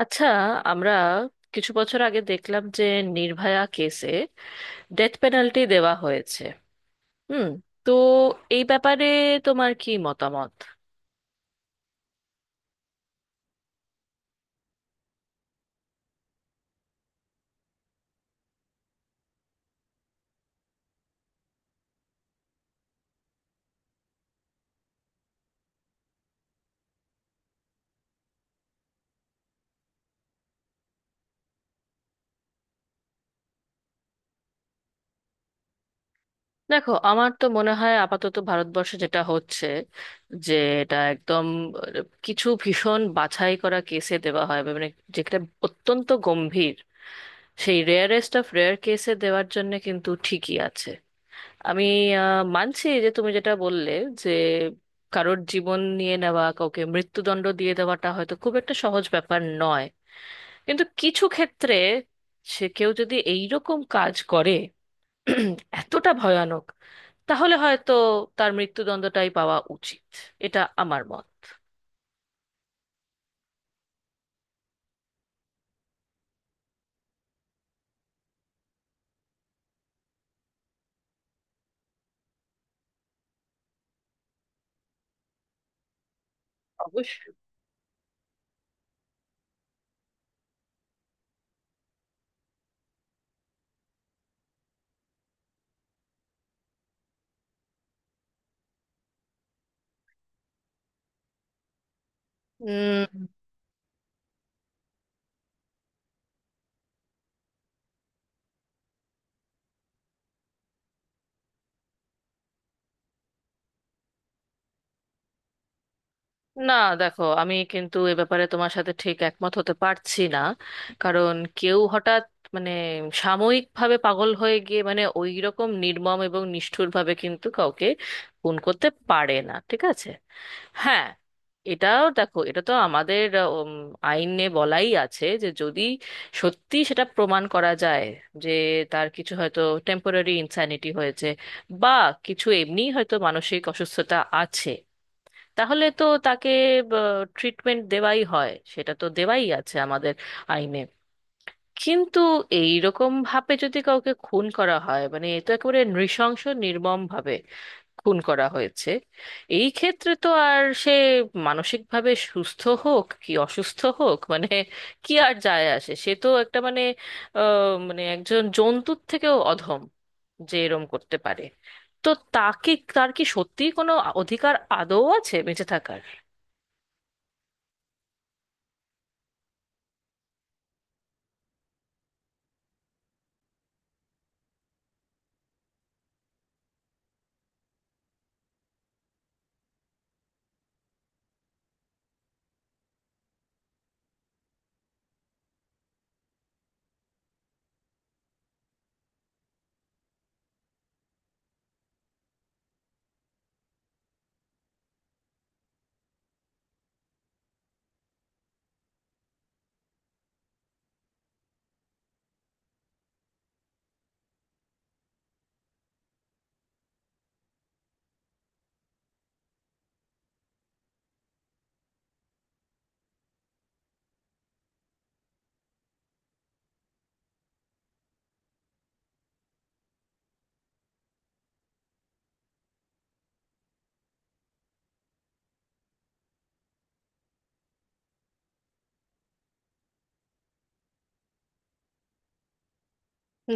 আচ্ছা, আমরা কিছু বছর আগে দেখলাম যে নির্ভয়া কেসে ডেথ পেনাল্টি দেওয়া হয়েছে। হুম। তো এই ব্যাপারে তোমার কি মতামত? দেখো, আমার তো মনে হয় আপাতত ভারতবর্ষে যেটা হচ্ছে, যে এটা একদম কিছু ভীষণ বাছাই করা কেসে দেওয়া হয়, মানে যেটা অত্যন্ত গম্ভীর সেই রেয়ারেস্ট অফ রেয়ার কেসে দেওয়ার জন্য, কিন্তু ঠিকই আছে। আমি মানছি যে তুমি যেটা বললে, যে কারোর জীবন নিয়ে নেওয়া, কাউকে মৃত্যুদণ্ড দিয়ে দেওয়াটা হয়তো খুব একটা সহজ ব্যাপার নয়। কিন্তু কিছু ক্ষেত্রে, সে কেউ যদি এইরকম কাজ করে এতটা ভয়ানক, তাহলে হয়তো তার মৃত্যুদণ্ডটাই পাওয়া উচিত। এটা আমার মত। অবশ্যই। না, দেখো আমি কিন্তু এ ব্যাপারে তোমার সাথে ঠিক একমত হতে পারছি না। কারণ কেউ হঠাৎ, মানে সাময়িকভাবে পাগল হয়ে গিয়ে, মানে ওই রকম নির্মম এবং নিষ্ঠুরভাবে কিন্তু কাউকে খুন করতে পারে না, ঠিক আছে? হ্যাঁ, এটাও দেখো, এটা তো আমাদের উম, আইনে বলাই আছে যে যদি সত্যি সেটা প্রমাণ করা যায়, যে তার কিছু হয়তো টেম্পোরারি ইনস্যানিটি হয়েছে, বা কিছু এমনি হয়তো মানসিক অসুস্থতা আছে, তাহলে তো তাকে ট্রিটমেন্ট দেওয়াই হয়, সেটা তো দেওয়াই আছে আমাদের আইনে। কিন্তু এই রকম ভাবে যদি কাউকে খুন করা হয়, মানে এ তো একেবারে নৃশংস নির্মম ভাবে খুন করা হয়েছে, এই ক্ষেত্রে তো আর সে মানসিকভাবে সুস্থ হোক কি অসুস্থ হোক, মানে কি আর যায় আসে? সে তো একটা, মানে মানে একজন জন্তুর থেকেও অধম যে এরম করতে পারে। তো তাকে, তার কি সত্যিই কোনো অধিকার আদৌ আছে বেঁচে থাকার?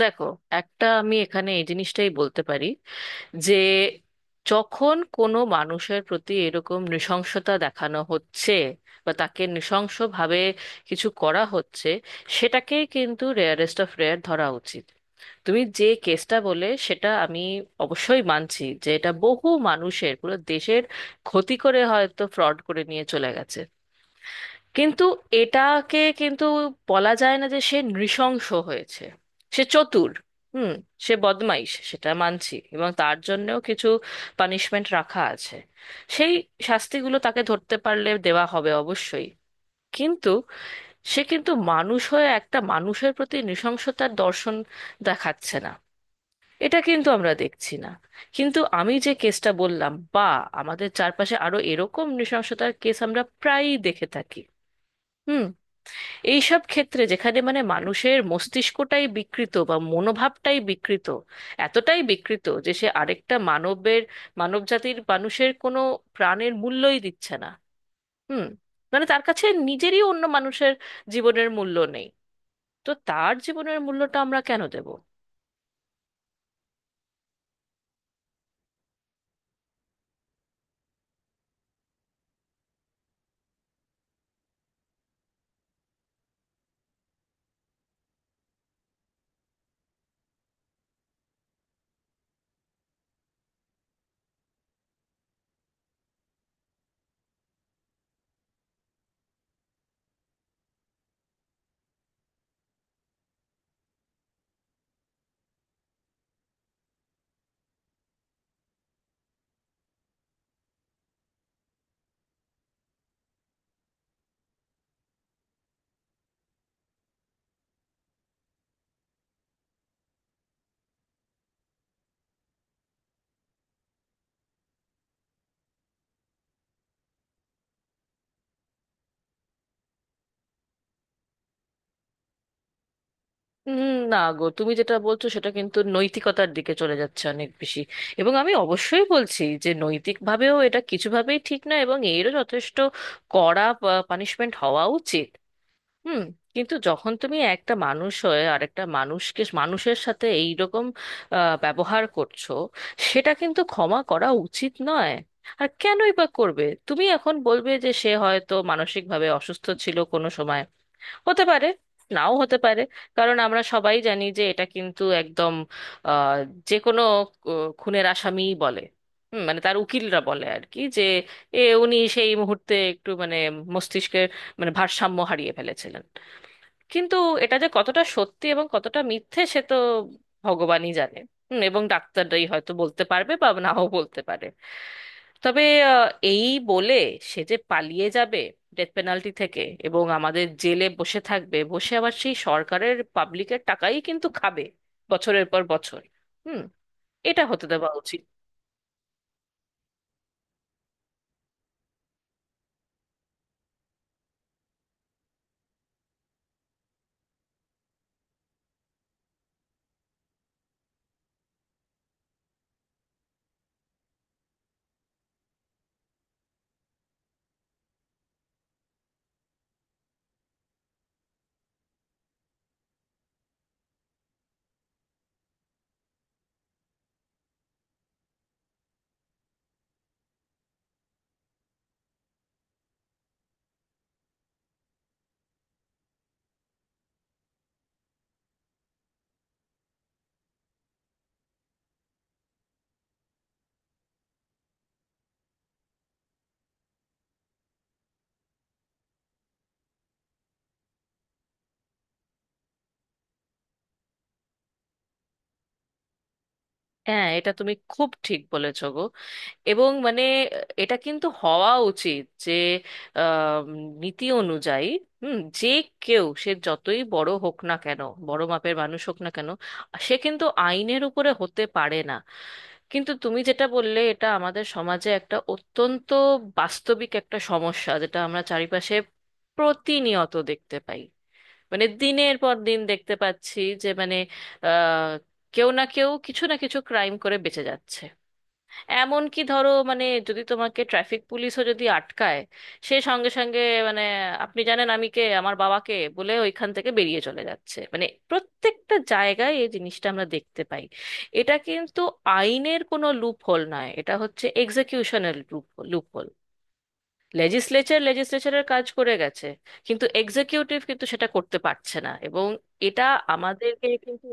দেখো, একটা আমি এখানে এই জিনিসটাই বলতে পারি, যে যখন কোনো মানুষের প্রতি এরকম নৃশংসতা দেখানো হচ্ছে বা তাকে নৃশংসভাবে কিছু করা হচ্ছে, সেটাকেই কিন্তু রেয়ারেস্ট অফ রেয়ার ধরা উচিত। তুমি যে কেসটা বলে সেটা আমি অবশ্যই মানছি, যে এটা বহু মানুষের, পুরো দেশের ক্ষতি করে হয়তো ফ্রড করে নিয়ে চলে গেছে। কিন্তু এটাকে কিন্তু বলা যায় না যে সে নৃশংস হয়েছে। সে চতুর। হুম। সে বদমাইশ, সেটা মানছি, এবং তার জন্যও কিছু পানিশমেন্ট রাখা আছে। সেই শাস্তিগুলো তাকে ধরতে পারলে দেওয়া হবে অবশ্যই। কিন্তু সে কিন্তু মানুষ হয়ে একটা মানুষের প্রতি নৃশংসতার দর্শন দেখাচ্ছে না, এটা কিন্তু আমরা দেখছি না। কিন্তু আমি যে কেসটা বললাম, বা আমাদের চারপাশে আরো এরকম নৃশংসতার কেস আমরা প্রায়ই দেখে থাকি। হুম। এইসব ক্ষেত্রে যেখানে, মানে মানুষের মস্তিষ্কটাই বিকৃত বা মনোভাবটাই বিকৃত, এতটাই বিকৃত যে সে আরেকটা মানবের, মানবজাতির মানুষের কোনো প্রাণের মূল্যই দিচ্ছে না। হুম। মানে তার কাছে নিজেরই, অন্য মানুষের জীবনের মূল্য নেই। তো তার জীবনের মূল্যটা আমরা কেন দেব? না গো, তুমি যেটা বলছো সেটা কিন্তু নৈতিকতার দিকে চলে যাচ্ছে অনেক বেশি। এবং আমি অবশ্যই বলছি যে নৈতিকভাবেও এটা কিছুভাবেই ঠিক না, এবং এরও যথেষ্ট কড়া পানিশমেন্ট হওয়া উচিত। হুম। কিন্তু যখন তুমি একটা মানুষ হয়ে আরেকটা মানুষকে, মানুষের সাথে এইরকম ব্যবহার করছো, সেটা কিন্তু ক্ষমা করা উচিত নয়। আর কেনই বা করবে? তুমি এখন বলবে যে সে হয়তো মানসিকভাবে অসুস্থ ছিল কোনো সময়। হতে পারে, নাও হতে পারে। কারণ আমরা সবাই জানি যে এটা কিন্তু একদম আহ, যে কোনো আহ, খুনের আসামিই বলে। হুম, মানে তার উকিলরা বলে আর কি, যে এ উনি সেই মুহূর্তে একটু, মানে মস্তিষ্কের, মানে ভারসাম্য হারিয়ে ফেলেছিলেন। কিন্তু এটা যে কতটা সত্যি এবং কতটা মিথ্যে সে তো ভগবানই জানে। হুম, এবং ডাক্তাররাই হয়তো বলতে পারবে বা নাও বলতে পারে। তবে আহ, এই বলে সে যে পালিয়ে যাবে ডেথ পেনাল্টি থেকে, এবং আমাদের জেলে বসে থাকবে, বসে আবার সেই সরকারের, পাবলিকের টাকাই কিন্তু খাবে বছরের পর বছর। হুম। এটা হতে দেওয়া উচিত? হ্যাঁ, এটা তুমি খুব ঠিক বলেছো গো। এবং মানে, এটা কিন্তু হওয়া উচিত যে আম, নীতি অনুযায়ী, হুম, যে কেউ, সে যতই বড় হোক না কেন, বড় মাপের মানুষ হোক না কেন, সে কিন্তু আইনের উপরে হতে পারে না। কিন্তু তুমি যেটা বললে এটা আমাদের সমাজে একটা অত্যন্ত বাস্তবিক একটা সমস্যা, যেটা আমরা চারিপাশে প্রতিনিয়ত দেখতে পাই। মানে দিনের পর দিন দেখতে পাচ্ছি যে, মানে আহ, কেউ না কেউ কিছু না কিছু ক্রাইম করে বেঁচে যাচ্ছে। এমন কি ধরো, মানে যদি তোমাকে ট্রাফিক পুলিশও যদি আটকায়, সে সঙ্গে সঙ্গে, মানে আপনি জানেন আমি কে, আমার বাবাকে বলে ওইখান থেকে বেরিয়ে চলে যাচ্ছে। মানে প্রত্যেকটা জায়গায় এই জিনিসটা আমরা দেখতে পাই। এটা কিন্তু আইনের কোনো লুপ হোল নয়, এটা হচ্ছে এক্সিকিউশনাল লুপ লুপ হোল। লেজিসলেচারের কাজ করে গেছে, কিন্তু এক্সিকিউটিভ কিন্তু সেটা করতে পারছে না, এবং এটা আমাদেরকে কিন্তু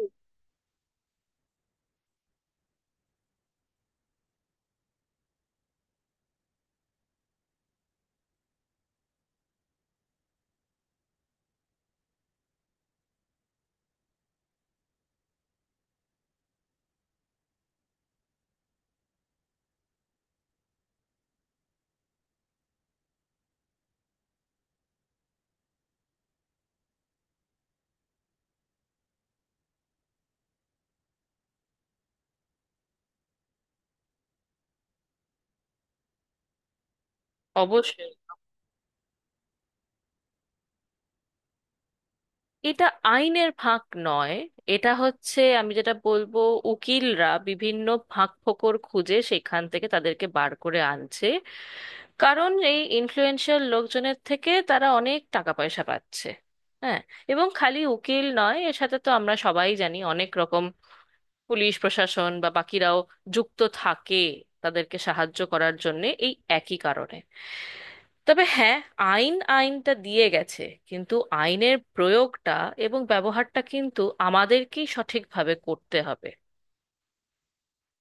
অবশ্যই। এটা আইনের ফাঁক নয়, এটা হচ্ছে, আমি যেটা বলবো, উকিলরা বিভিন্ন ফাঁক ফোকর খুঁজে সেখান থেকে তাদেরকে বার করে আনছে, কারণ এই ইনফ্লুয়েন্সিয়াল লোকজনের থেকে তারা অনেক টাকা পয়সা পাচ্ছে। হ্যাঁ, এবং খালি উকিল নয়, এর সাথে তো আমরা সবাই জানি অনেক রকম পুলিশ প্রশাসন বা বাকিরাও যুক্ত থাকে তাদেরকে সাহায্য করার জন্য, এই একই কারণে। তবে হ্যাঁ, আইনটা দিয়ে গেছে, কিন্তু আইনের প্রয়োগটা এবং ব্যবহারটা কিন্তু আমাদেরকেই সঠিকভাবে করতে হবে।